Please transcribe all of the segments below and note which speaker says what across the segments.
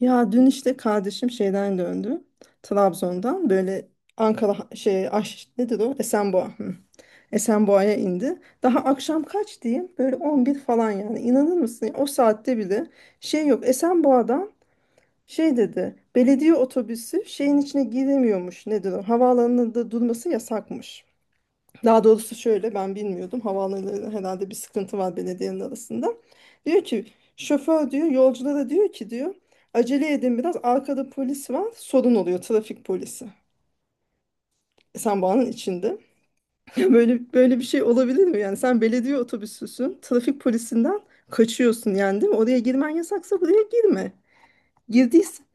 Speaker 1: Ya dün işte kardeşim şeyden döndü. Trabzon'dan böyle Ankara şey Aş, nedir o? Esenboğa. Hı. Esenboğa'ya indi. Daha akşam kaç diyeyim? Böyle 11 falan yani. İnanır mısın? O saatte bile şey yok. Esenboğa'dan şey dedi. Belediye otobüsü şeyin içine giremiyormuş. Nedir o? Havaalanında durması yasakmış. Daha doğrusu şöyle ben bilmiyordum. Havaalanlarında herhalde bir sıkıntı var belediyenin arasında. Diyor ki şoför diyor yolculara diyor ki diyor acele edin, biraz arkada polis var, sorun oluyor, trafik polisi. E sen bağının içinde. Böyle böyle bir şey olabilir mi? Yani sen belediye otobüsüsün, trafik polisinden kaçıyorsun yani değil mi? Oraya girmen yasaksa buraya girme. Girdiysen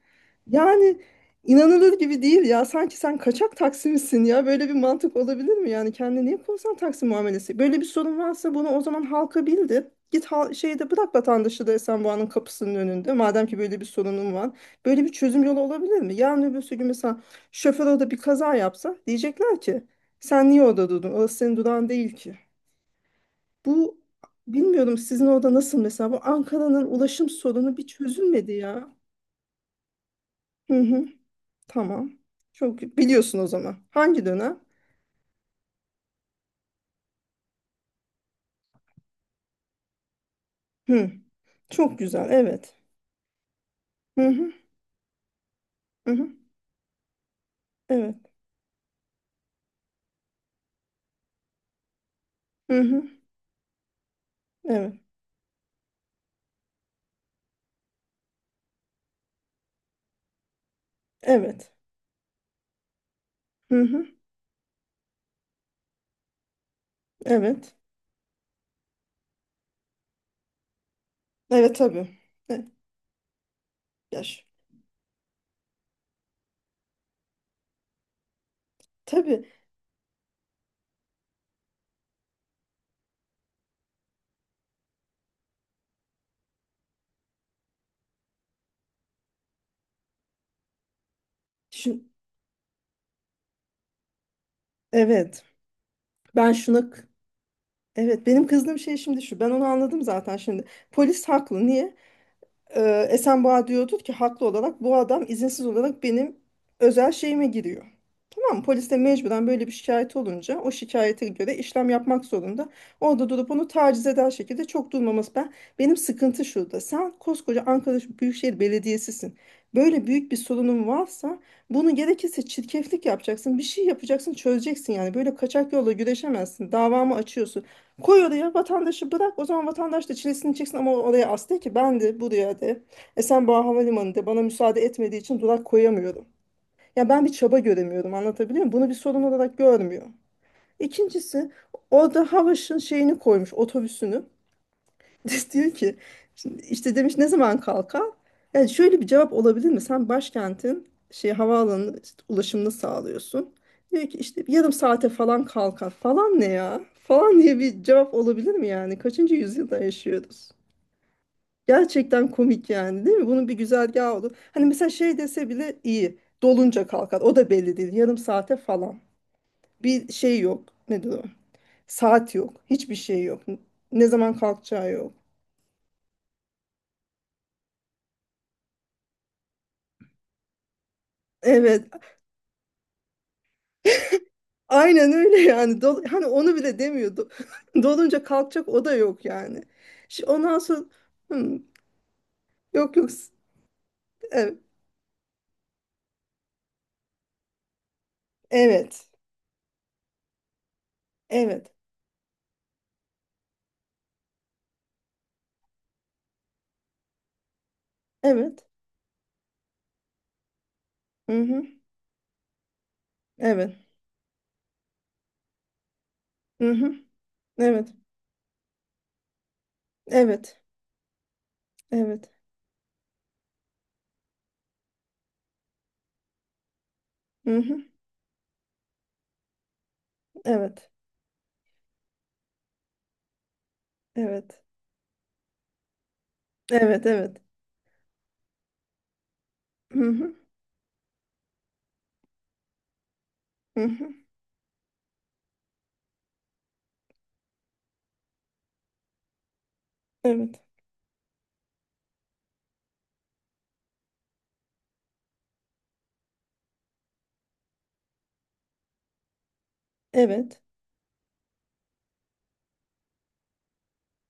Speaker 1: yani inanılır gibi değil ya. Sanki sen kaçak Taksim'sin ya. Böyle bir mantık olabilir mi? Yani kendine niye korsan Taksim muamelesi? Böyle bir sorun varsa bunu o zaman halka bildir. Git hal şeyde bırak vatandaşı da Esenboğa'nın kapısının önünde. Madem ki böyle bir sorunun var. Böyle bir çözüm yolu olabilir mi? Yarın öbürsü gün mesela şoför orada bir kaza yapsa diyecekler ki sen niye orada durdun? Orası senin durağın değil ki. Bu bilmiyorum, sizin orada nasıl mesela, bu Ankara'nın ulaşım sorunu bir çözülmedi ya. Hı hı. Tamam. Çok biliyorsun o zaman. Hangi dönem? Hı. Çok güzel. Evet. Hı hı. Hı hı. Evet. Hı hı. Evet. Evet. Hı hı. Evet. Evet tabii. E, ya şu, tabii. Şu, evet. Ben şuna evet, benim kızdığım şey şimdi şu. Ben onu anladım zaten şimdi. Polis haklı. Niye? Esenboğa diyordur ki haklı olarak bu adam izinsiz olarak benim özel şeyime giriyor. Tamam mı? Polis de mecburen böyle bir şikayet olunca o şikayete göre işlem yapmak zorunda. Orada durup onu taciz eder şekilde çok durmaması ben. Benim sıkıntı şurada. Sen koskoca Ankara Büyükşehir Belediyesi'sin. Böyle büyük bir sorunun varsa bunu gerekirse çirkeflik yapacaksın. Bir şey yapacaksın, çözeceksin yani. Böyle kaçak yolla güreşemezsin. Davamı açıyorsun. Koy oraya vatandaşı, bırak. O zaman vatandaş da çilesini çeksin, ama oraya as de ki ben de buraya de. Esenboğa Havalimanı'nda bana müsaade etmediği için durak koyamıyorum. Ya ben bir çaba göremiyorum, anlatabiliyor muyum? Bunu bir sorun olarak görmüyor. İkincisi, orada Havaş'ın şeyini koymuş, otobüsünü. Diyor ki şimdi işte demiş ne zaman kalkar? Yani şöyle bir cevap olabilir mi? Sen başkentin şey havaalanının işte ulaşımını sağlıyorsun. Diyor ki işte yarım saate falan kalkar falan ne ya? Falan diye bir cevap olabilir mi yani? Kaçıncı yüzyılda yaşıyoruz? Gerçekten komik yani değil mi? Bunun bir güzergahı olur. Hani mesela şey dese bile iyi. Dolunca kalkar. O da belli değil. Yarım saate falan. Bir şey yok. Nedir o? Saat yok. Hiçbir şey yok. Ne zaman kalkacağı yok. Evet. Aynen öyle yani. Dol, hani onu bile demiyordu. Dolunca kalkacak, o da yok yani. Ondan sonra hmm, yok yok. Evet. Evet. Evet. Evet. Hı hı. Evet. Hı hı. Evet. Evet. Evet. Hı hı. Evet. Evet. Evet, evet. Hı hı. Hı hı. Evet. Evet.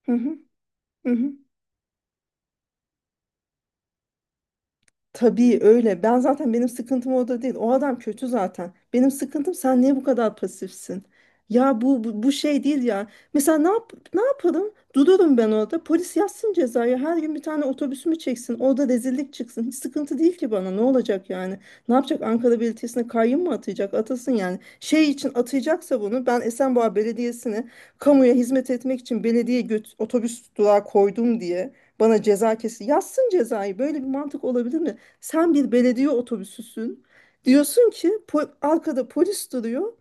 Speaker 1: Hı hı. Hı hı. Tabii öyle. Ben zaten, benim sıkıntım o da değil. O adam kötü zaten. Benim sıkıntım sen niye bu kadar pasifsin? Ya bu şey değil ya. Mesela ne yap, ne yaparım? Dururum ben orada. Polis yazsın cezayı. Her gün bir tane otobüsümü çeksin. Orada rezillik çıksın. Hiç sıkıntı değil ki bana. Ne olacak yani? Ne yapacak? Ankara Belediyesi'ne kayyum mu atayacak? Atasın yani. Şey için atayacaksa bunu, ben Esenboğa Belediyesi'ne kamuya hizmet etmek için belediye göt otobüs durağı koydum diye bana ceza kesin. Yazsın cezayı. Böyle bir mantık olabilir mi? Sen bir belediye otobüsüsün. Diyorsun ki arkada polis duruyor.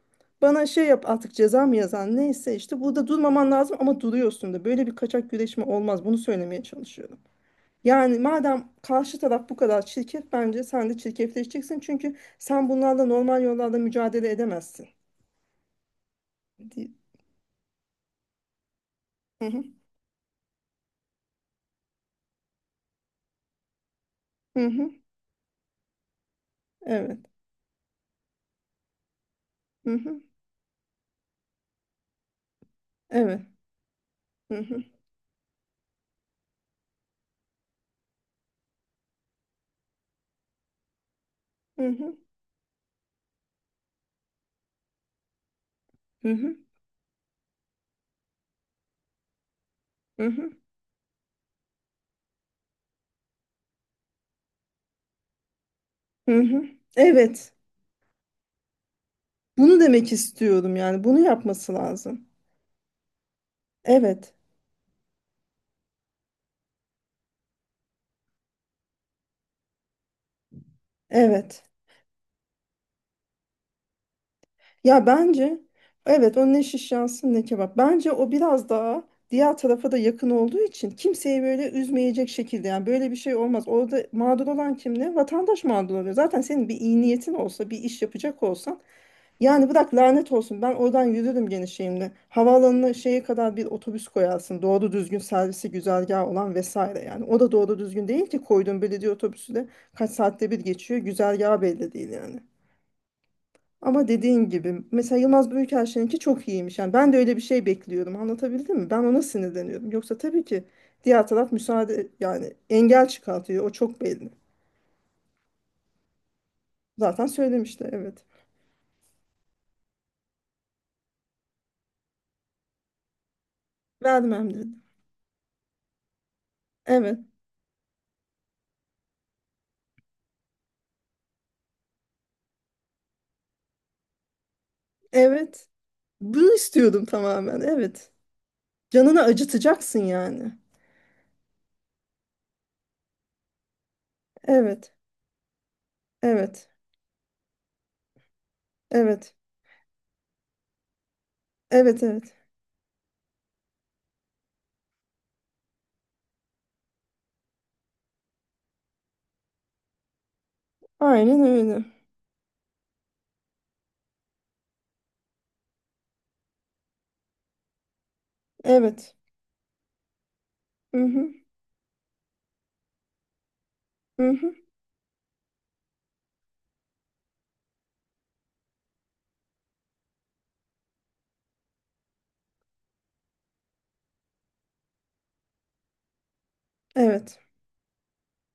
Speaker 1: Bana şey yap artık, ceza mı yazan neyse işte, burada durmaman lazım ama duruyorsun da, böyle bir kaçak güreşme olmaz, bunu söylemeye çalışıyorum. Yani madem karşı taraf bu kadar çirkef, bence sen de çirkefleşeceksin, çünkü sen bunlarla normal yollarda mücadele edemezsin. Di- Hı hı, hı hı, evet, hı hı, evet, hı hı, hı hı, hı hı, hı hı, hı hı. Evet, bunu demek istiyorum yani, bunu yapması lazım. Evet, evet. Ya bence evet, o ne şiş yansın ne kebap. Bence o biraz daha diğer tarafa da yakın olduğu için kimseyi böyle üzmeyecek şekilde, yani böyle bir şey olmaz. Orada mağdur olan kim ne? Vatandaş mağdur oluyor. Zaten senin bir iyi niyetin olsa, bir iş yapacak olsan, yani bırak lanet olsun, ben oradan yürürüm gene şeyimle. Havaalanına şeye kadar bir otobüs koyarsın. Doğru düzgün servisi, güzergahı olan vesaire yani. O da doğru düzgün değil ki, koyduğun belediye otobüsü de kaç saatte bir geçiyor. Güzergahı belli değil yani. Ama dediğin gibi mesela Yılmaz Büyükelçin'inki çok iyiymiş. Yani ben de öyle bir şey bekliyorum, anlatabildim mi? Ben ona sinirleniyorum. Yoksa tabii ki diğer taraf müsaade, yani engel çıkartıyor. O çok belli. Zaten söylemişti, evet. Vermem dedi. Evet. Evet. Bunu istiyordum tamamen. Evet. Canını acıtacaksın yani. Evet. Evet. Evet. Evet. Evet. Aynen öyle. Evet. Hı hı. Hı hı. Evet.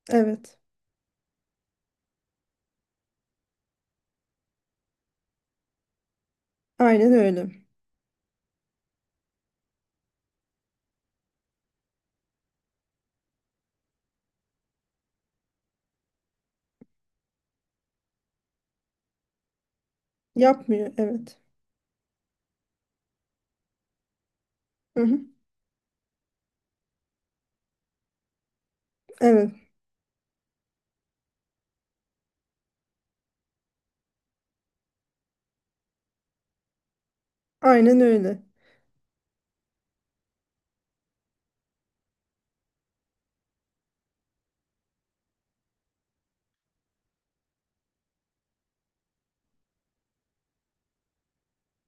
Speaker 1: Evet. Aynen öyle. Yapmıyor. Evet. Hı hı. Evet. Aynen öyle.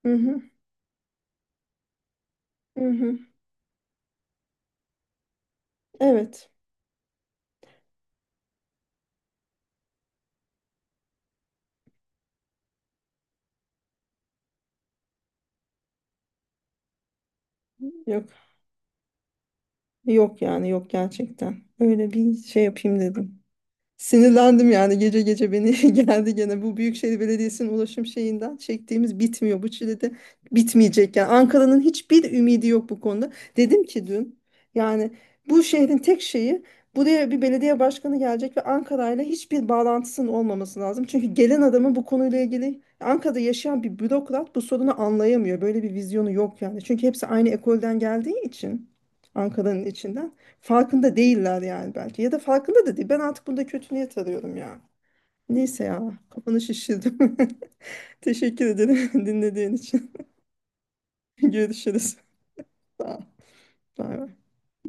Speaker 1: Hı hı, hı hı. Evet. Yok. Yok yani, yok gerçekten. Öyle bir şey yapayım dedim. Sinirlendim yani, gece gece beni geldi gene, bu Büyükşehir Belediyesi'nin ulaşım şeyinden çektiğimiz bitmiyor, bu çilede bitmeyecek yani. Ankara'nın hiçbir ümidi yok bu konuda. Dedim ki dün, yani bu şehrin tek şeyi, buraya bir belediye başkanı gelecek ve Ankara'yla hiçbir bağlantısının olmaması lazım, çünkü gelen adamın bu konuyla ilgili, Ankara'da yaşayan bir bürokrat bu sorunu anlayamıyor, böyle bir vizyonu yok yani, çünkü hepsi aynı ekolden geldiği için Ankara'nın içinden. Farkında değiller yani belki. Ya da farkında da değil. Ben artık bunda kötü niyet arıyorum ya. Neyse ya. Kafanı şişirdim. Teşekkür ederim dinlediğin için. Görüşürüz. Sağ ol. Bay bay.